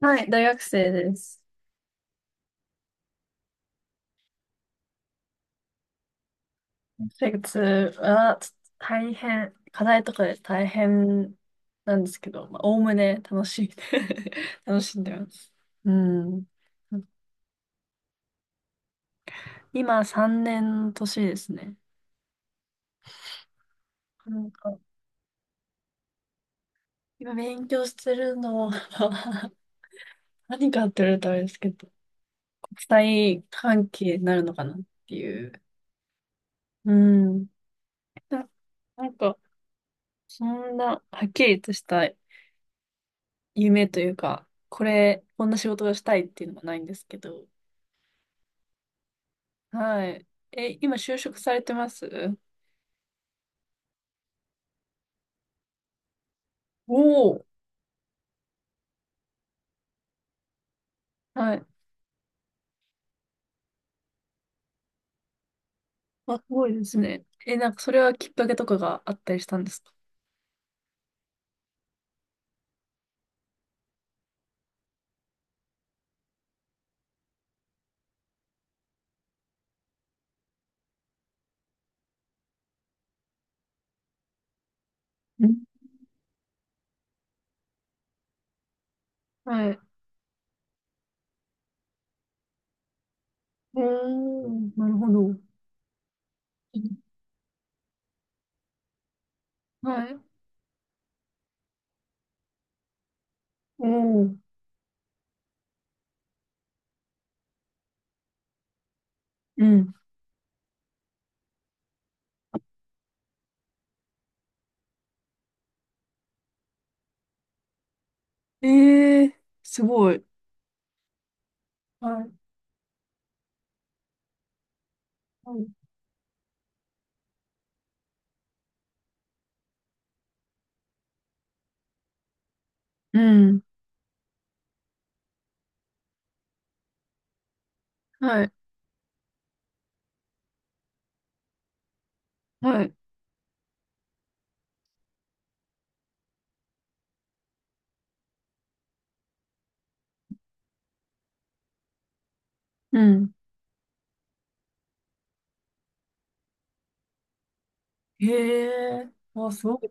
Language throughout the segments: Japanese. はい、大学生です。生活はちょっと大変、課題とかで大変なんですけど、まあ、おおむね楽しい。楽しんでます。うん。今3年の年ですね。なんか、今勉強してるのは 何かって言われたらあれですけど、国際関係になるのかなっていう。うん。な、なんか、そんなはっきりとした夢というか、こんな仕事がしたいっていうのがないんですけど。はい。え、今就職されてます？おおー。はい。あ、すごいですね。え、なんかそれはきっかけとかがあったりしたんですか？うん。はい。おー、なるほど。うん。はい。おー、うん。えー、すごい。はい。はい。うん。はい。はい。うん。へえー、わあ、すごい。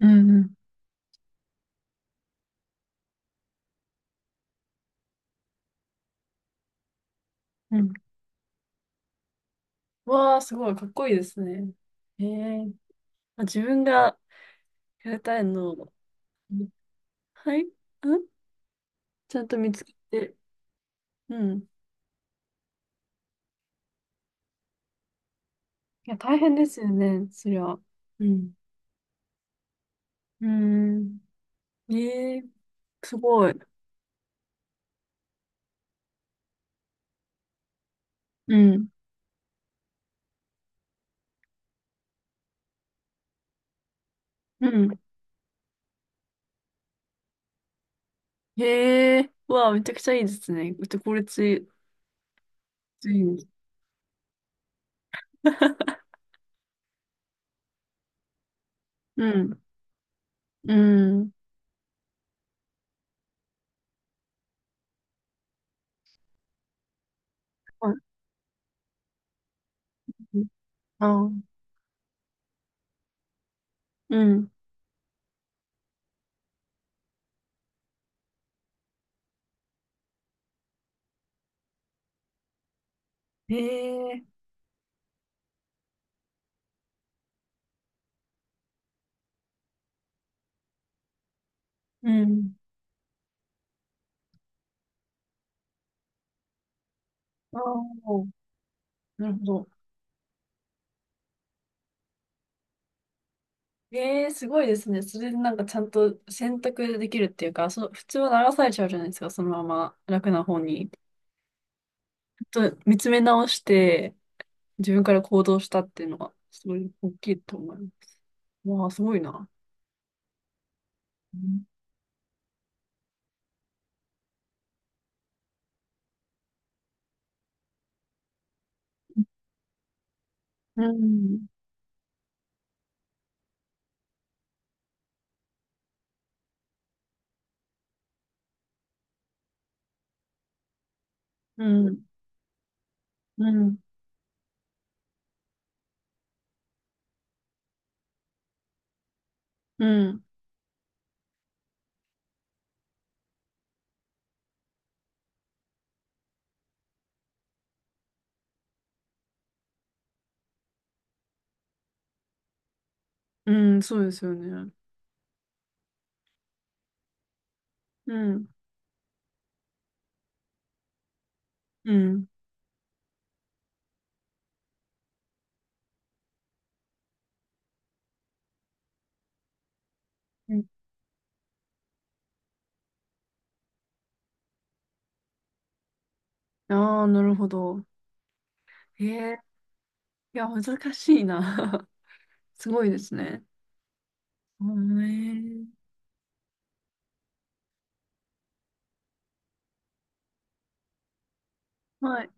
うんうん。うん。わあ、すごい。かっこいいですね。へえ。まあ、自分がやりたいのを、はい、ちゃんと見つけて。うん。いや、大変ですよね、そりゃ。うん。うーん。ええ、すごい。うん。うん。へえ。うわあ、めちゃくちゃいいですね。うち、効率いい んです。うん。うん。あ、あ、うん。へえ。うん。ああ、なるほど。ええ、すごいですね。それでなんかちゃんと選択できるっていうか、普通は流されちゃうじゃないですか、そのまま楽な方に。ちょっと見つめ直して、自分から行動したっていうのは、すごい大きいと思います。わあ、すごいな。うん、うん、うん、うん、うん、うん。そうですよね。うん、うん。ああー、なるほど。ええ、いや、難しいな。すごいですね。うん。ええ。はい。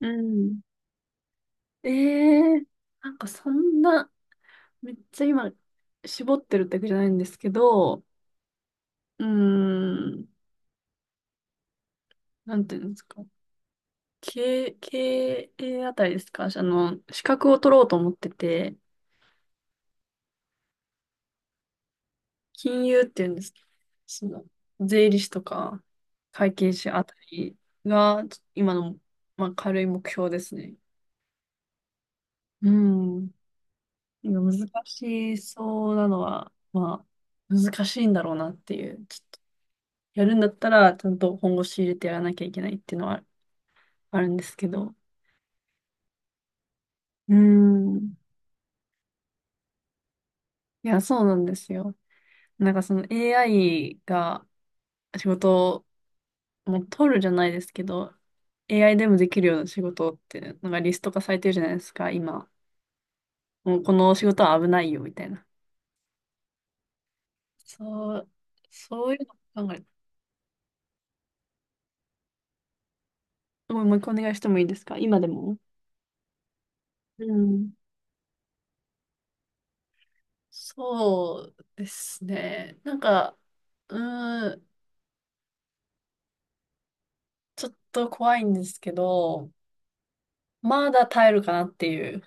うん。ええ、なんかそんな、めっちゃ今、絞ってるってわけじゃないんですけど、うーん、なんていうんですか。経営あたりですか。資格を取ろうと思ってて、金融っていうんですけど、その、税理士とか、会計士あたりが、今の、まあ、軽い目標ですね。うん。今難しそうなのは、まあ、難しいんだろうなっていう。やるんだったら、ちゃんと本腰入れてやらなきゃいけないっていうのはあるんですけど。うーん。いや、そうなんですよ。なんかその AI が仕事を、もう取るじゃないですけど、AI でもできるような仕事って、なんかリスト化されてるじゃないですか、今。もうこの仕事は危ないよ、みたいな。そう、そういうのを考える。もう一回お願いしてもいいですか、今でも？うん。そうですね。なんか、うーん、ちょっと怖いんですけど、まだ耐えるかなっていう。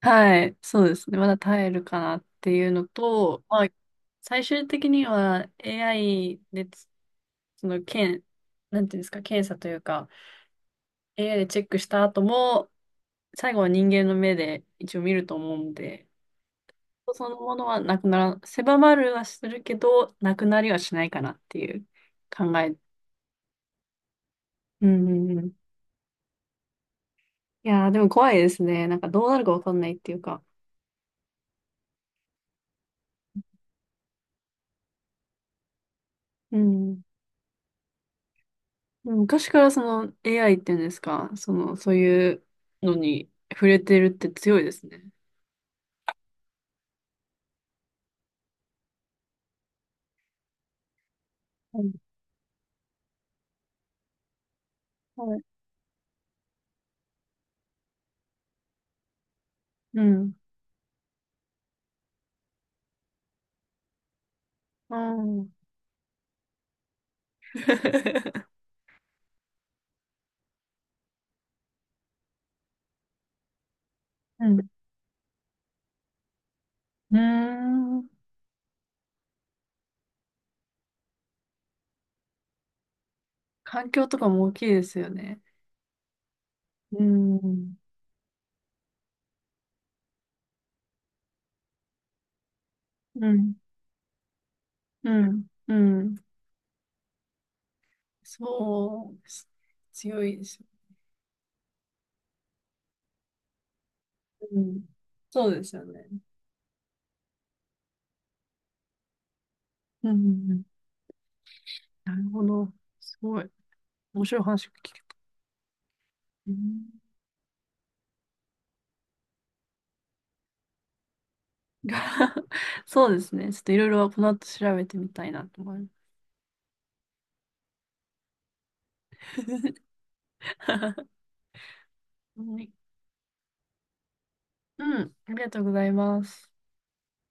はい、そうですね。まだ耐えるかなっていうのと、まあ最終的には AI でその、検、なんていうんですか、検査というか、AI でチェックした後も、最後は人間の目で一応見ると思うんで、そのものはなくなら、狭まるはするけど、なくなりはしないかなっていう考え。うんうんうん。いやー、でも怖いですね。なんかどうなるかわかんないっていうか。うん。でも昔からその AI っていうんですか、そういうのに触れてるって強いですね。はい。はい。うん。あー うん。うーん。環境とかも大きいですよね。うん。うん。うん。うん。そうです。強いですよ。うん。そうですよね。うんうんうん。なるほど。すごい。面白い話を聞けた。うん そうですね。ちょっといろいろこの後調べてみたいなと思います。はい。うん、ありがとうございます。